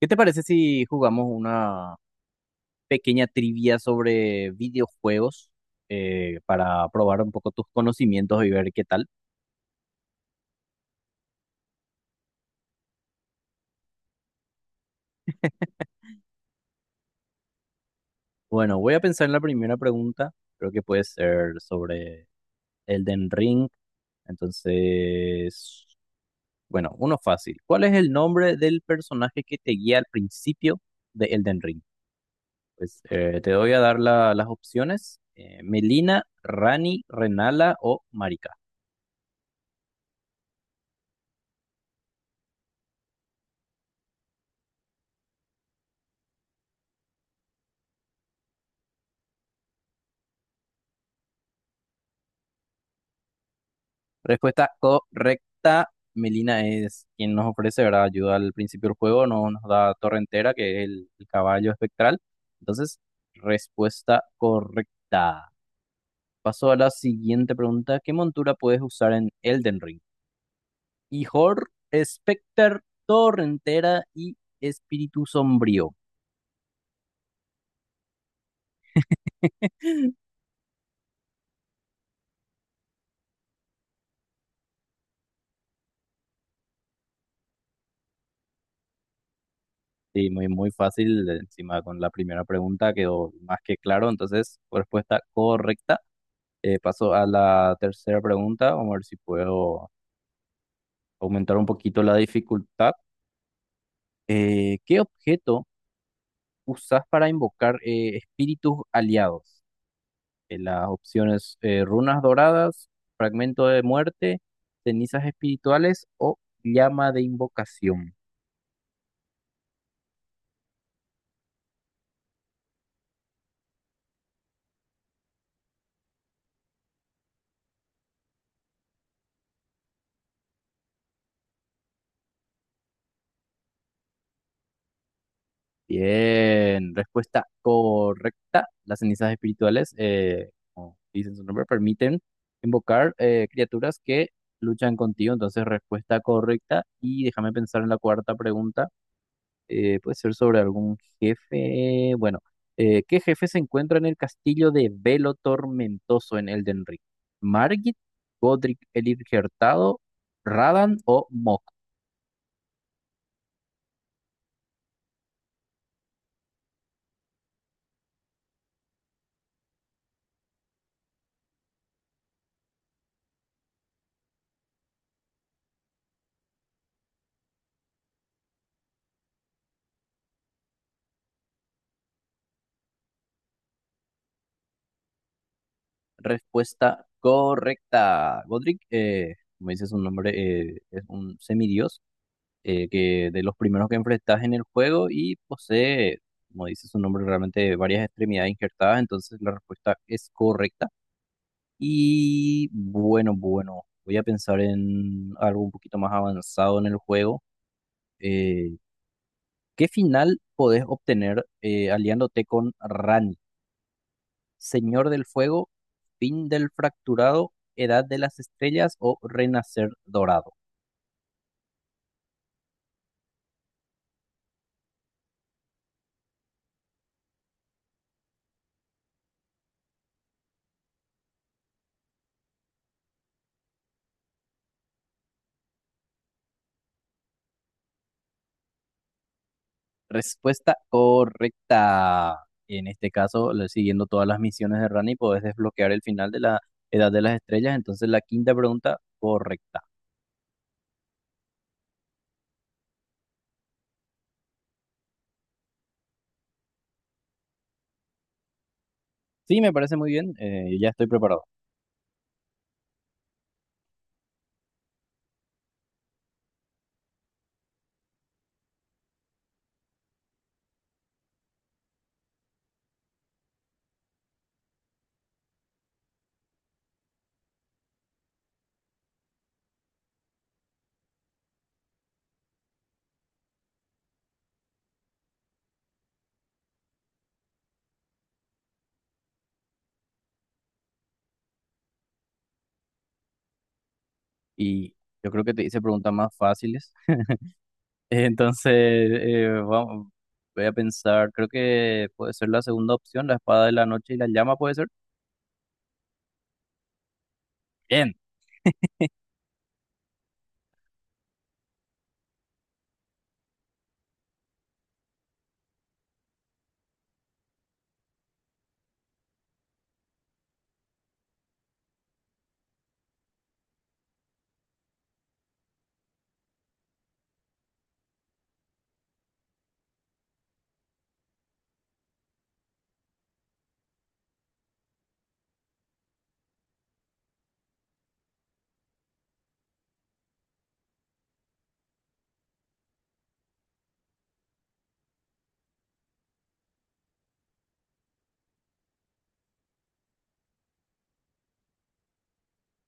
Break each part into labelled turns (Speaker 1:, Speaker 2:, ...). Speaker 1: ¿Qué te parece si jugamos una pequeña trivia sobre videojuegos para probar un poco tus conocimientos y ver qué tal? Bueno, voy a pensar en la primera pregunta. Creo que puede ser sobre Elden Ring. Entonces, bueno, uno fácil. ¿Cuál es el nombre del personaje que te guía al principio de Elden Ring? Pues te voy a dar las opciones. Melina, Rani, Renala o Marika. Respuesta correcta. Melina es quien nos ofrece, ¿verdad? Ayuda al principio del juego, no nos da torre entera, que es el caballo espectral. Entonces, respuesta correcta. Paso a la siguiente pregunta. ¿Qué montura puedes usar en Elden Ring? Ihor, Specter, Torrentera y Espíritu Sombrío. Sí, muy, muy fácil. Encima con la primera pregunta quedó más que claro. Entonces, respuesta correcta. Paso a la tercera pregunta, vamos a ver si puedo aumentar un poquito la dificultad. ¿Qué objeto usas para invocar espíritus aliados? Las opciones runas doradas, fragmento de muerte, cenizas espirituales o llama de invocación. Bien, respuesta correcta. Las cenizas espirituales, como dicen su nombre, permiten invocar criaturas que luchan contigo. Entonces, respuesta correcta. Y déjame pensar en la cuarta pregunta. Puede ser sobre algún jefe. Bueno, ¿qué jefe se encuentra en el castillo de Velo Tormentoso en Elden Ring? ¿Margit, Godric el Irgertado, Radan o Mok? Respuesta correcta. Godric, como dices un nombre, es un semidios que de los primeros que enfrentas en el juego y posee, como dice su nombre, realmente varias extremidades injertadas. Entonces la respuesta es correcta. Y bueno, voy a pensar en algo un poquito más avanzado en el juego. Eh, ¿Qué final podés obtener aliándote con Randy? Señor del Fuego, Fin del Fracturado, Edad de las Estrellas o Renacer Dorado. Respuesta correcta. En este caso, siguiendo todas las misiones de Rani, podés desbloquear el final de la Edad de las Estrellas. Entonces, la quinta pregunta correcta. Sí, me parece muy bien. Eh, ya estoy preparado. Y yo creo que te hice preguntas más fáciles. Entonces, vamos, voy a pensar. Creo que puede ser la segunda opción, la espada de la noche y la llama, puede ser.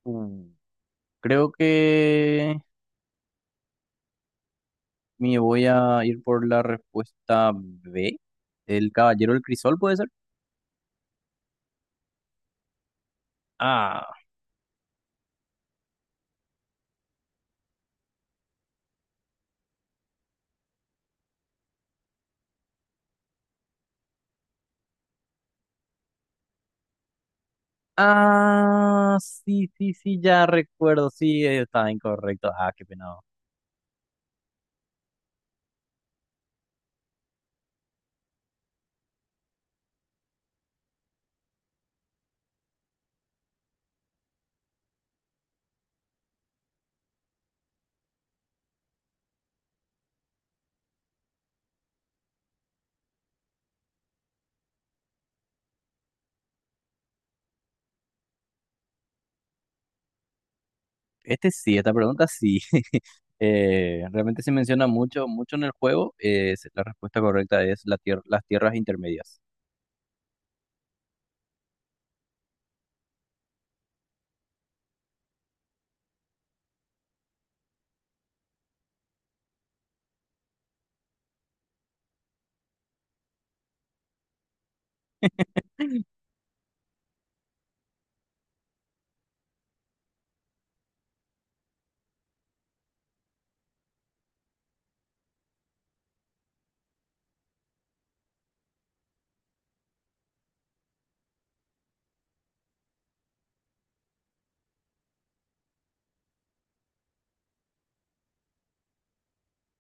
Speaker 1: Bien. Creo que me voy a ir por la respuesta B. El Caballero del Crisol, ¿puede ser? Ah. Ah, sí, sí, sí, ya recuerdo. Sí, está incorrecto. Ah, qué penado. Este sí, esta pregunta sí. Realmente se menciona mucho, mucho en el juego. La respuesta correcta es las tierras intermedias.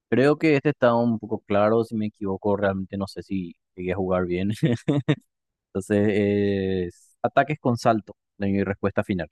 Speaker 1: Creo que este está un poco claro. Si me equivoco, realmente no sé si llegué a jugar bien. Entonces, es ataques con salto, de mi respuesta final.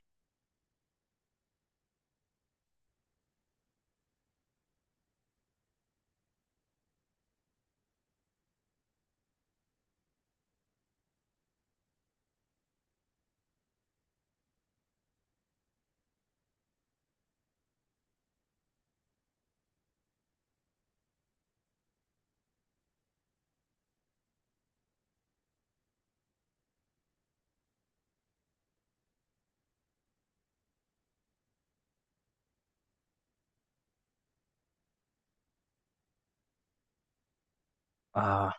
Speaker 1: Ah,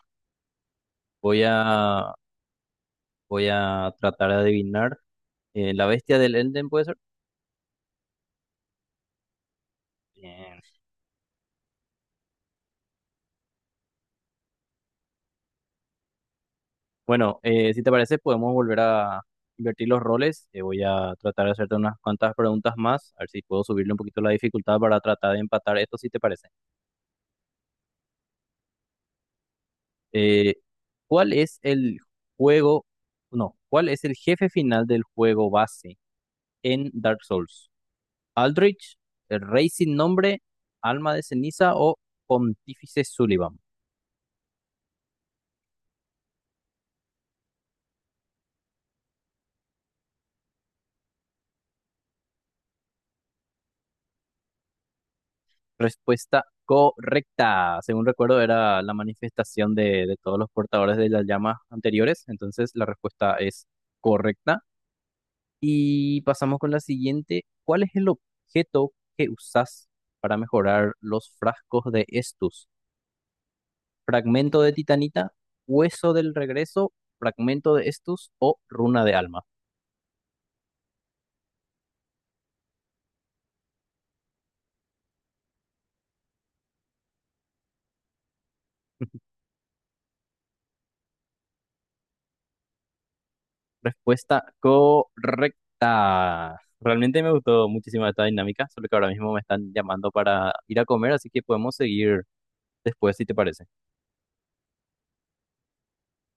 Speaker 1: voy a, voy a tratar de adivinar. ¿La bestia del Elden puede ser? Bien. Bueno, si te parece, podemos volver a invertir los roles. Voy a tratar de hacerte unas cuantas preguntas más, a ver si puedo subirle un poquito la dificultad para tratar de empatar esto, si te parece. Eh, ¿Cuál es el juego, no, cuál es el jefe final del juego base en Dark Souls? ¿Aldrich, el Rey sin nombre, Alma de ceniza o Pontífice Sullivan? Respuesta correcta. Según recuerdo, era la manifestación de todos los portadores de las llamas anteriores. Entonces, la respuesta es correcta. Y pasamos con la siguiente. ¿Cuál es el objeto que usas para mejorar los frascos de Estus? ¿Fragmento de titanita? ¿Hueso del regreso? ¿Fragmento de Estus o runa de alma? Respuesta correcta. Realmente me gustó muchísimo esta dinámica, solo que ahora mismo me están llamando para ir a comer, así que podemos seguir después si te parece.